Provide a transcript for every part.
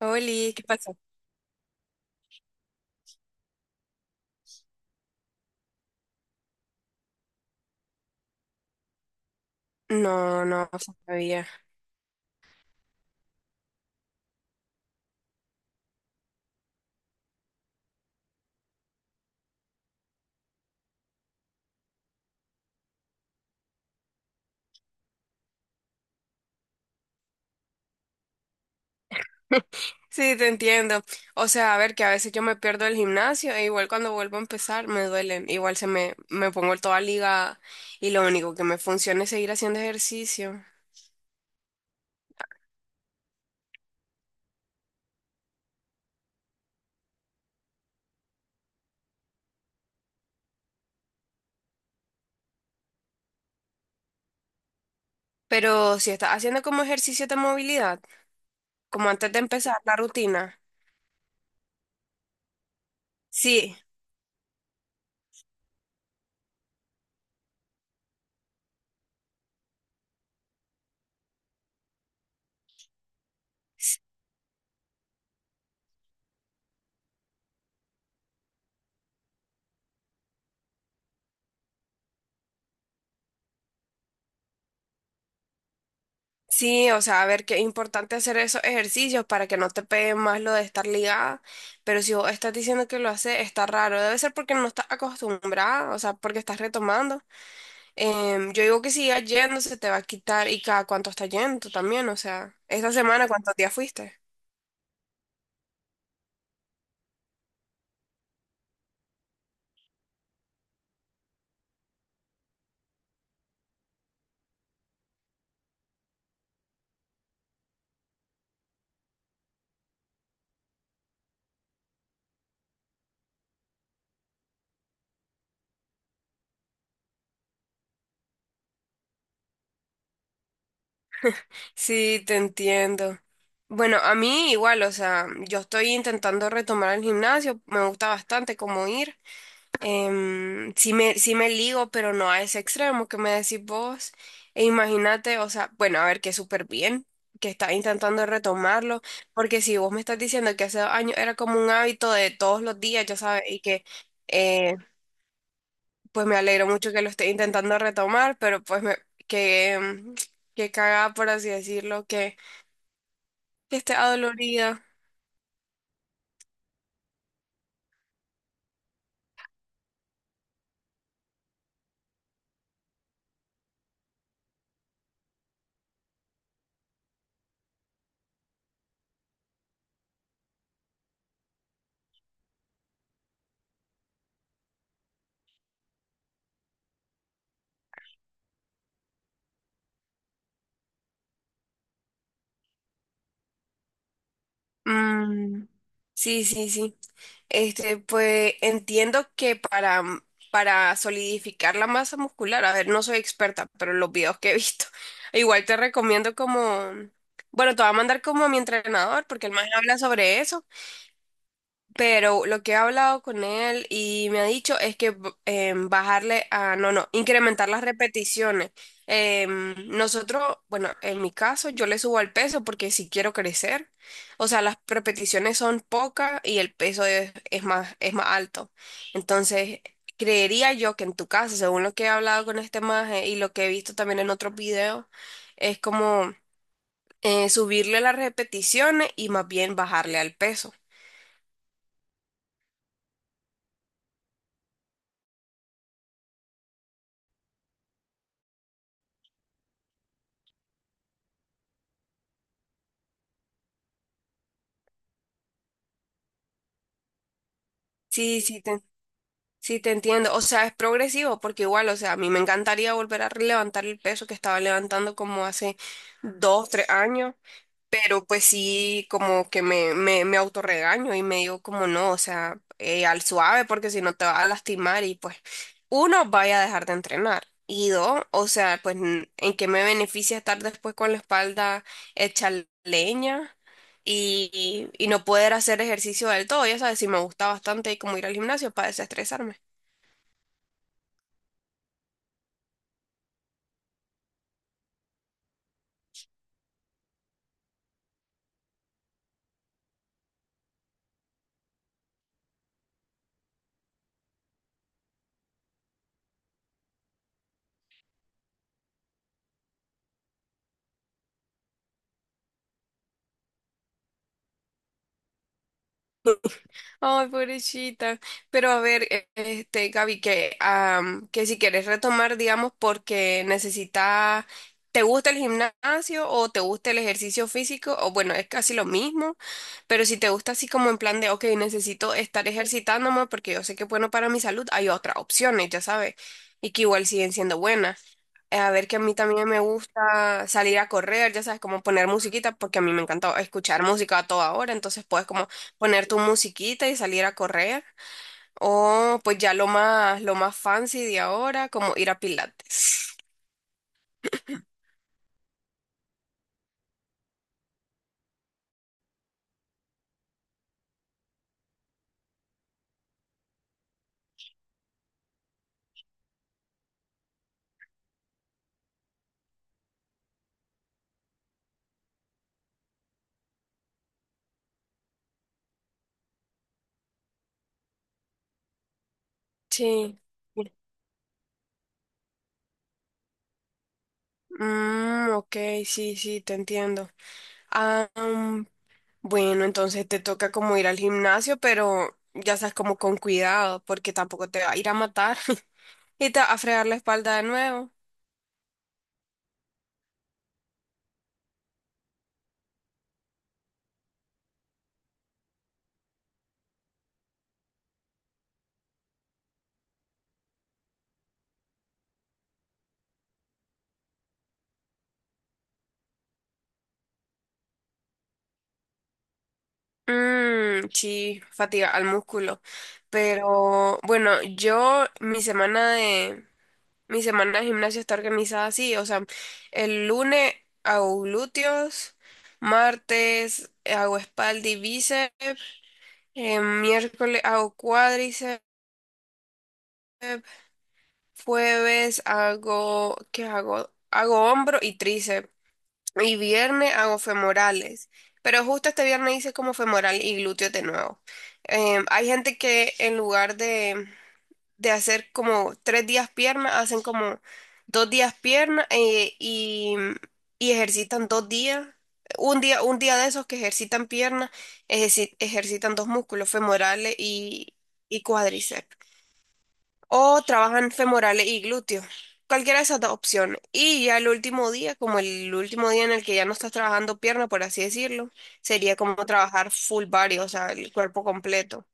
Oli, ¿qué pasó? No, no sabía. Sí, te entiendo. O sea, a ver, que a veces yo me pierdo el gimnasio e igual cuando vuelvo a empezar me duelen. Igual me pongo toda ligada y lo único que me funciona es seguir haciendo ejercicio. Pero si estás haciendo como ejercicio de movilidad, como antes de empezar la rutina. Sí. Sí, o sea, a ver, qué importante hacer esos ejercicios para que no te pegue más lo de estar ligada, pero si vos estás diciendo que lo hace, está raro, debe ser porque no estás acostumbrada, o sea, porque estás retomando. Yo digo que sigas yendo, se te va a quitar y cada cuánto estás yendo también, o sea, esta semana, ¿cuántos días fuiste? Sí, te entiendo. Bueno, a mí igual, o sea, yo estoy intentando retomar el gimnasio, me gusta bastante como ir. Sí me ligo, pero no a ese extremo que me decís vos. E imagínate, o sea, bueno, a ver, que súper bien, que estás intentando retomarlo, porque si vos me estás diciendo que hace dos años era como un hábito de todos los días, ya sabes, y que eh, pues me alegro mucho que lo estés intentando retomar, pero pues que, em, que cagada, por así decirlo, que, esté adolorida. Mm, sí, sí, sí. Este, pues entiendo que para solidificar la masa muscular, a ver, no soy experta, pero los videos que he visto, igual te recomiendo como, bueno, te voy a mandar como a mi entrenador, porque él más habla sobre eso. Pero lo que he hablado con él y me ha dicho es que bajarle a, no, no, incrementar las repeticiones. Nosotros, bueno, en mi caso, yo le subo al peso porque si quiero crecer. O sea, las repeticiones son pocas y el peso es más alto. Entonces, creería yo que en tu caso, según lo que he hablado con este maje y lo que he visto también en otros videos, es como subirle las repeticiones y más bien bajarle al peso. Sí, sí. te Sí, te entiendo. O sea, es progresivo porque igual, o sea, a mí me encantaría volver a levantar el peso que estaba levantando como hace 2, 3 años, pero pues sí, como que me autorregaño y me digo como no, o sea, al suave porque si no te vas a lastimar y pues uno, vaya a dejar de entrenar. Y dos, o sea, pues en qué me beneficia estar después con la espalda hecha leña y, y no poder hacer ejercicio del todo. Ya sabes, sí me gusta bastante como ir al gimnasio para desestresarme. Ay, pobrecita. Pero a ver, este, Gaby, que si quieres retomar, digamos, porque necesitas, ¿te gusta el gimnasio o te gusta el ejercicio físico? O bueno, es casi lo mismo, pero si te gusta así como en plan de, ok, necesito estar ejercitándome porque yo sé que es bueno para mi salud, hay otras opciones, ya sabes, y que igual siguen siendo buenas. A ver, que a mí también me gusta salir a correr, ya sabes, como poner musiquita, porque a mí me encanta escuchar música a toda hora, entonces puedes como poner tu musiquita y salir a correr, o pues ya lo más fancy de ahora, como ir a Pilates. Sí. Mm, ok, sí, sí, te entiendo. Ah, bueno, entonces te toca como ir al gimnasio, pero ya sabes, como con cuidado, porque tampoco te va a ir a matar y te va a fregar la espalda de nuevo. Mm, sí, fatiga al músculo. Pero bueno, yo mi semana de Mi semana de gimnasio está organizada así, o sea, el lunes hago glúteos, martes hago espalda y bíceps, miércoles hago cuádriceps, jueves hago, ¿qué hago? Hago hombro y tríceps, y viernes hago femorales, pero justo este viernes hice como femoral y glúteos de nuevo. Hay gente que en lugar de hacer como tres días pierna, hacen como dos días pierna y ejercitan dos días. Un día de esos que ejercitan pierna, ejercitan dos músculos, femorales y cuádriceps. O trabajan femorales y glúteos. Cualquiera de esas dos opciones. Y ya el último día, como el último día en el que ya no estás trabajando pierna, por así decirlo, sería como trabajar full body, o sea, el cuerpo completo.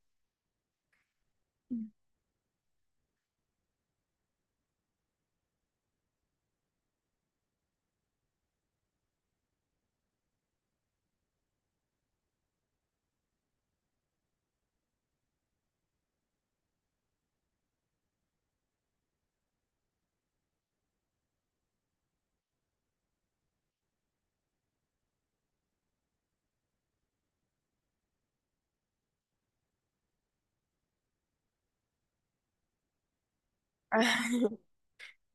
Ah,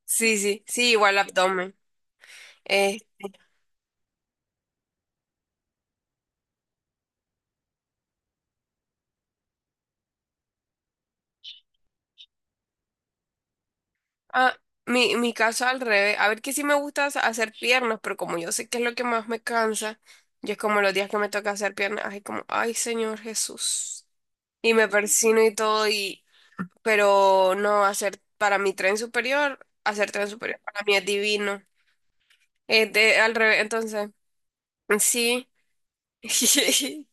sí, sí, sí, igual abdomen. Eh, Ah, mi caso al revés. A ver que sí me gusta hacer piernas, pero como yo sé que es lo que más me cansa, yo es como los días que me toca hacer piernas, ay, como, ay, Señor Jesús. Y me persino y todo, y, pero no, hacer para mi tren superior, hacer tren superior para mí es divino. Al revés, entonces, sí.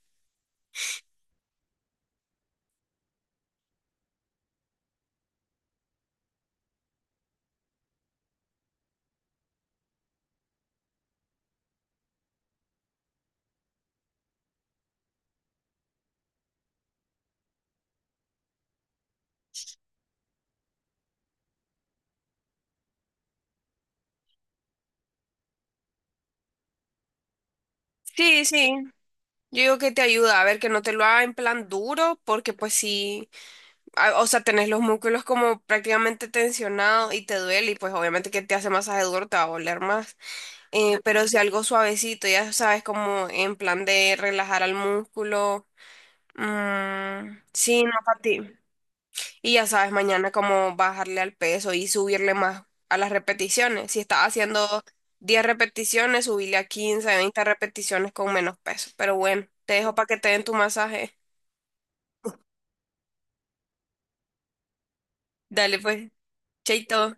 Sí, sí. Yo digo que te ayuda a ver que no te lo haga en plan duro, porque pues sí. Ah, o sea, tenés los músculos como prácticamente tensionados y te duele y pues obviamente que te hace masaje duro te va a doler más. Pero si algo suavecito, ya sabes, como en plan de relajar al músculo. Mm, sí, no para ti. Y ya sabes, mañana como bajarle al peso y subirle más a las repeticiones. Si estás haciendo 10 repeticiones, subirle a 15 20 repeticiones con menos peso. Pero bueno, te dejo para que te den tu masaje. Dale pues, chaito.